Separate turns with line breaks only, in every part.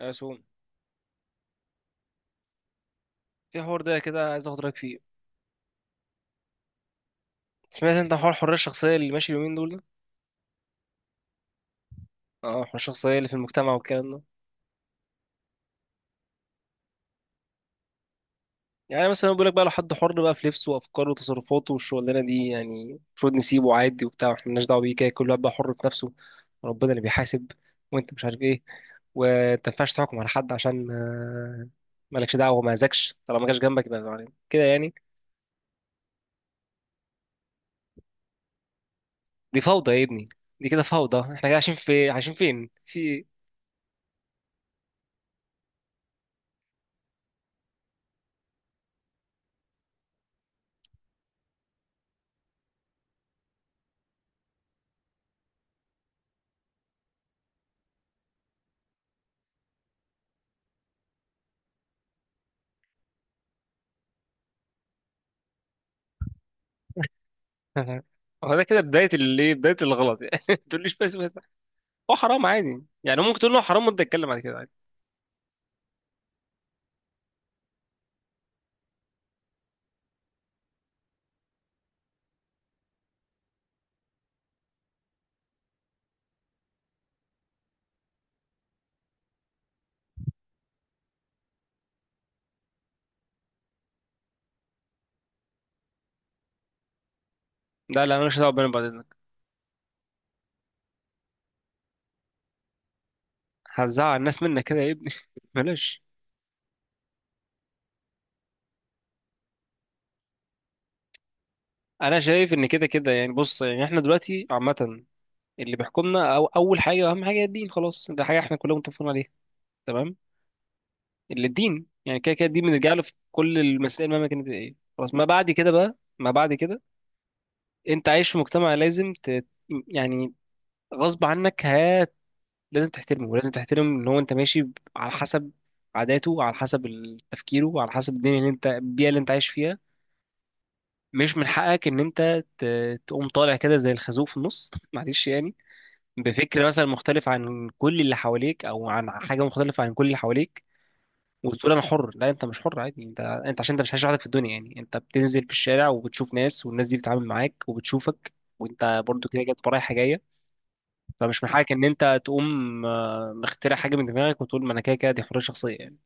يا سوم، في حوار ده كده عايز اخد رايك فيه. سمعت انت حوار الحريه الشخصيه اللي ماشي اليومين دول ده؟ اه الحريه الشخصيه اللي في المجتمع والكلام ده. يعني مثلا بيقول لك بقى لو حد حر بقى في لبسه وافكاره وتصرفاته والشغلانه دي، يعني المفروض نسيبه عادي وبتاع واحنا مالناش دعوه بيه، كده كل واحد بقى حر في نفسه. ربنا اللي بيحاسب. وانت مش عارف ايه، وانت ما ينفعش تحكم على حد عشان مالكش دعوه وما اذاكش طالما ما جاش جنبك، يبقى يعني كده يعني. دي فوضى يا ابني. دي كده فوضى، احنا كده عايشين في عايشين فين في وده كده بداية الايه، بداية الغلط يعني ما تقوليش بس، هو حرام عادي، يعني ممكن تقول له حرام وانت تتكلم بعد كده عادي. لا لا، ماليش دعوة بينا بعد اذنك. هتزعل الناس منك كده يا ابني بلاش. انا شايف ان كده كده، يعني بص يعني احنا دلوقتي عامة، اللي بيحكمنا أو اول حاجة واهم حاجة هي الدين، خلاص ده حاجة احنا كلنا متفقين عليها. تمام. اللي الدين يعني كده كده، الدين بنرجع له في كل المسائل مهما كانت ايه، خلاص. ما بعد كده بقى ما بعد كده انت عايش في مجتمع لازم يعني غصب عنك لازم تحترمه، ولازم تحترم ان هو انت ماشي على حسب عاداته، على حسب تفكيره، على حسب الدنيا اللي انت البيئه اللي انت عايش فيها. مش من حقك ان انت تقوم طالع كده زي الخازوق في النص معلش يعني، بفكر مثلا مختلف عن كل اللي حواليك، او عن حاجه مختلفه عن كل اللي حواليك، وتقول انا حر. لا انت مش حر عادي، انت انت عشان انت مش عايش لوحدك في الدنيا. يعني انت بتنزل في الشارع وبتشوف ناس، والناس دي بتتعامل معاك وبتشوفك، وانت برضو كده جت رايحه جايه. فمش من حقك ان انت تقوم مخترع حاجه من دماغك وتقول ما انا كده كده دي حريه شخصيه يعني.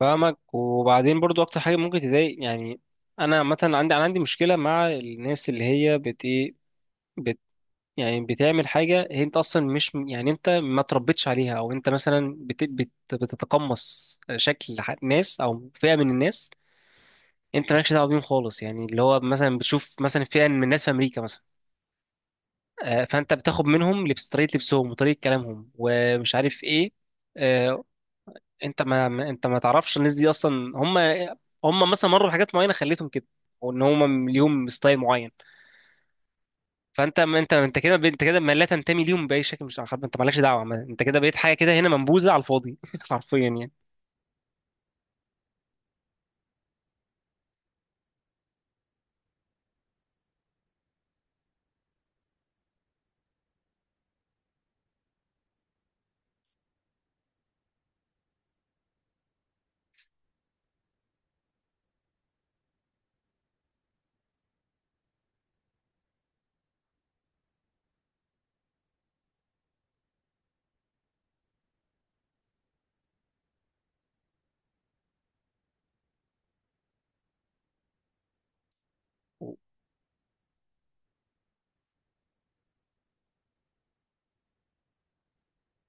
فاهمك. وبعدين برضو اكتر حاجه ممكن تضايق يعني، انا مثلا عندي، انا عندي مشكله مع الناس اللي هي بت ايه، بت يعني بتعمل حاجه هي انت اصلا مش يعني انت ما تربيتش عليها، او انت مثلا بت بتتقمص شكل ناس او فئه من الناس. انت مالكش دعوه بيهم خالص. يعني اللي هو مثلا بتشوف مثلا فئه من الناس في امريكا مثلا، فانت بتاخد منهم لبس، طريقه لبسهم وطريقه كلامهم ومش عارف ايه. آه، انت انت ما تعرفش الناس دي اصلا. هم هم مثلا مروا بحاجات معينه خلتهم كده، او ان هم ليهم ستايل معين. فانت ما انت انت كده، انت كده ما لا تنتمي ليهم باي شكل، مش عارف، انت مالكش دعوه انت كده بقيت حاجه كده هنا منبوذه على الفاضي حرفيا يعني.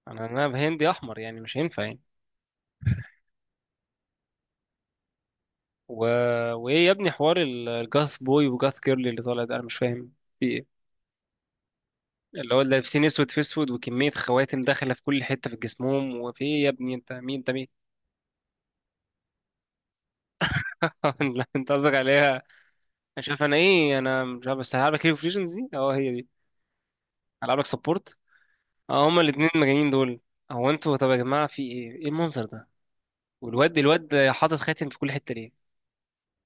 انا انا هندي احمر يعني مش هينفع يعني و... وايه يا ابني حوار الجاث بوي وجاث كيرلي اللي طالع ده؟ انا مش فاهم. اللي هو لابسين اسود في اسود، وكميه خواتم داخله في كل حته في جسمهم، وفي إيه يا ابني؟ انت مين؟ انت مين؟ لا انت قصدك عليها، انا شايف انا ايه، انا مش عارف، بس هلعبك ليج اوف ليجندز دي؟ اه هي دي. هلعبك سبورت؟ اه هما الاثنين المجانين دول. هو انتوا طب يا جماعه في ايه؟ ايه المنظر ده؟ والواد، الواد حاطط خاتم في كل حته ليه؟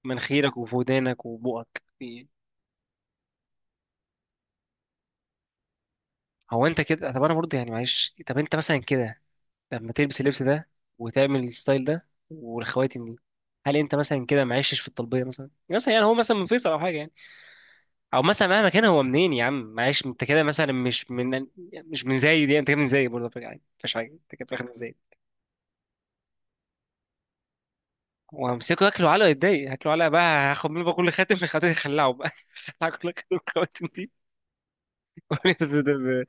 مناخيرك وفودانك وبقك في ايه؟ هو انت كده طب انا برضه يعني معلش، طب انت مثلا كده لما تلبس اللبس ده وتعمل الستايل ده والخواتم دي، هل انت مثلا كده معيشش في الطلبيه مثلا؟ مثلا يعني هو مثلا من فيصل او حاجه يعني، او مثلا مهما كان هو منين يا عم؟ معيش انت كده مثلا مش من، مش من زايد يعني. انت كده من زايد برضه فكرة عادي، مفيش حاجه، انت كده في الآخر من زايد. وهمسكه ياكله علقه، يتضايق هاكله علقه بقى. هاخد منه بقى كل خاتم من الخواتم دي، هخلعه بقى هاكل كل خاتم من الخواتم دي. وأقول له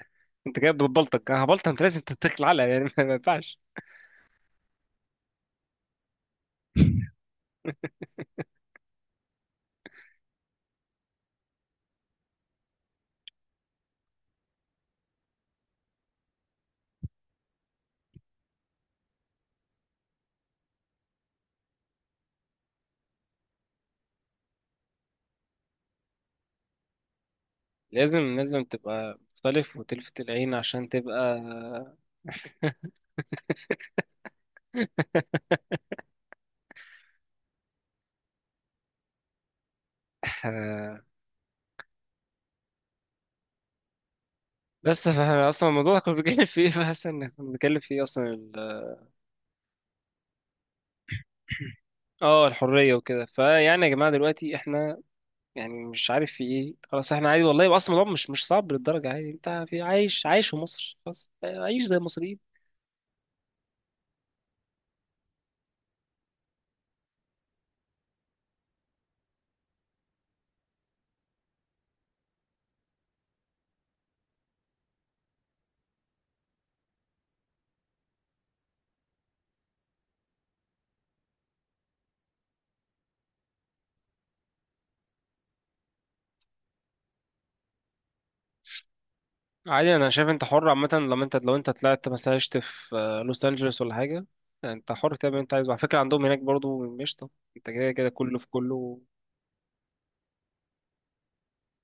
انت جايب ببلطك، هبلطك، انت لازم تتاكل علقه يعني ما ينفعش. لازم تبقى مختلف وتلفت العين عشان تبقى آه، بس. فاحنا اصلا الموضوع كنا بنتكلم فيه، فحاسس ان كنا بنتكلم فيه اصلا اه الحريه وكده. فيعني يا جماعه دلوقتي احنا يعني مش عارف في ايه، خلاص احنا عادي والله. اصلا الموضوع مش مش صعب للدرجه، عادي انت في عايش عايش في مصر، خلاص عيش زي المصريين عادي. انا شايف انت حر عامه، لما انت لو انت طلعت مثلا عشت في لوس انجلوس ولا حاجه، انت حر تعمل اللي انت عايزه. على فكره عندهم هناك برضو مش طب، انت كده كده كله في كله.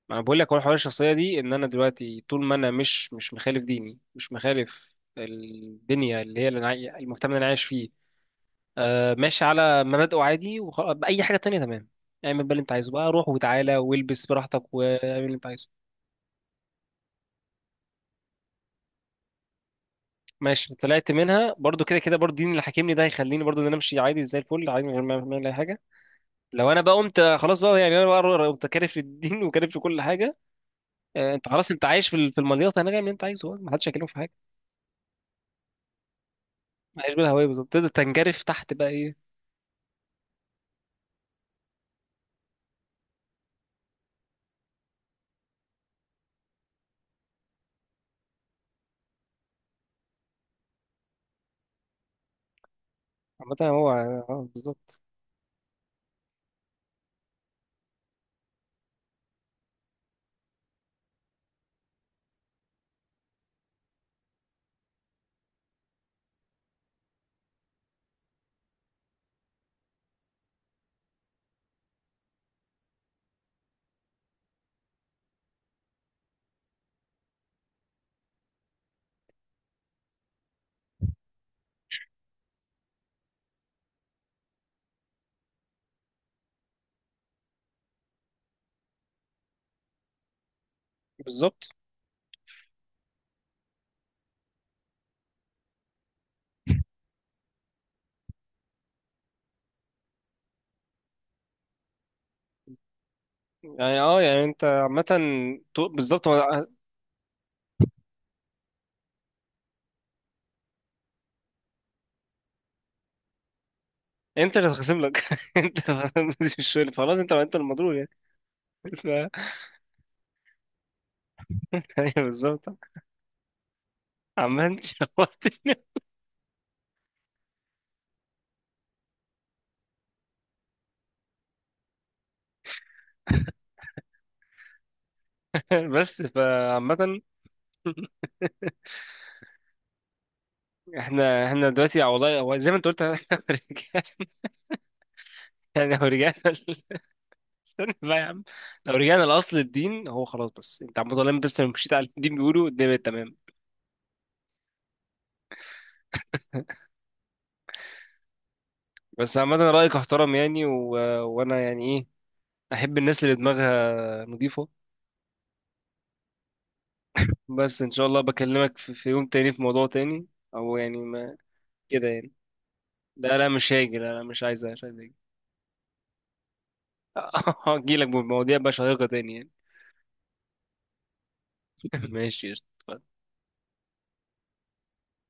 ما انا بقول لك هو حوار الشخصيه دي، ان انا دلوقتي طول ما انا مش مش مخالف ديني، مش مخالف الدنيا اللي هي اللي أنا المجتمع اللي انا عايش فيه، آه ماشي على مبادئه عادي وخلاص، اي حاجه تانية تمام، اعمل بقى اللي انت عايزه بقى، روح وتعالى والبس براحتك واعمل اللي انت عايزه. ماشي، طلعت منها برضو كده كده، برضو الدين اللي حاكمني ده هيخليني برضو ان انا امشي عادي زي الفل، عادي من غير ما ما اعمل اي حاجه. لو انا بقى قمت خلاص بقى، يعني انا بقى قمت كارف للدين وكارف لكل حاجه، آه انت خلاص، انت عايش في في المليطه هناك، اعمل اللي انت عايزه، ما حدش هيكلمك في حاجه. عايش بالهوية بالظبط، تقدر تنجرف تحت بقى ايه. عامة هو اه بالظبط. بالظبط يعني، اه يعني انت عامة بالظبط هو، انت اللي هتخصم لك انت اللي هتخصم لك، مش الشغل، خلاص انت انت المضروب يعني. ف... ايوه بالظبط. عامة شوقتني بس فعامة، احنا احنا دلوقتي والله، هو زي ما انت قلت رجع- يعني لو رجعنا ل- استنى بقى يا عم، لو رجعنا لاصل الدين، هو خلاص بس انت عم بتقول، بس لو مشيت على الدين بيقولوا الدنيا بقت تمام. بس عامة رأيك احترم يعني، وأنا يعني إيه، أحب الناس اللي دماغها نظيفة. بس إن شاء الله بكلمك في, في يوم تاني في موضوع تاني، أو يعني ما كده يعني. لا لا مش هاجي، لا لا مش عايز مش عايز أجي هجيلك بمواضيع بقى شيقة تاني يعني ماشي قشطة.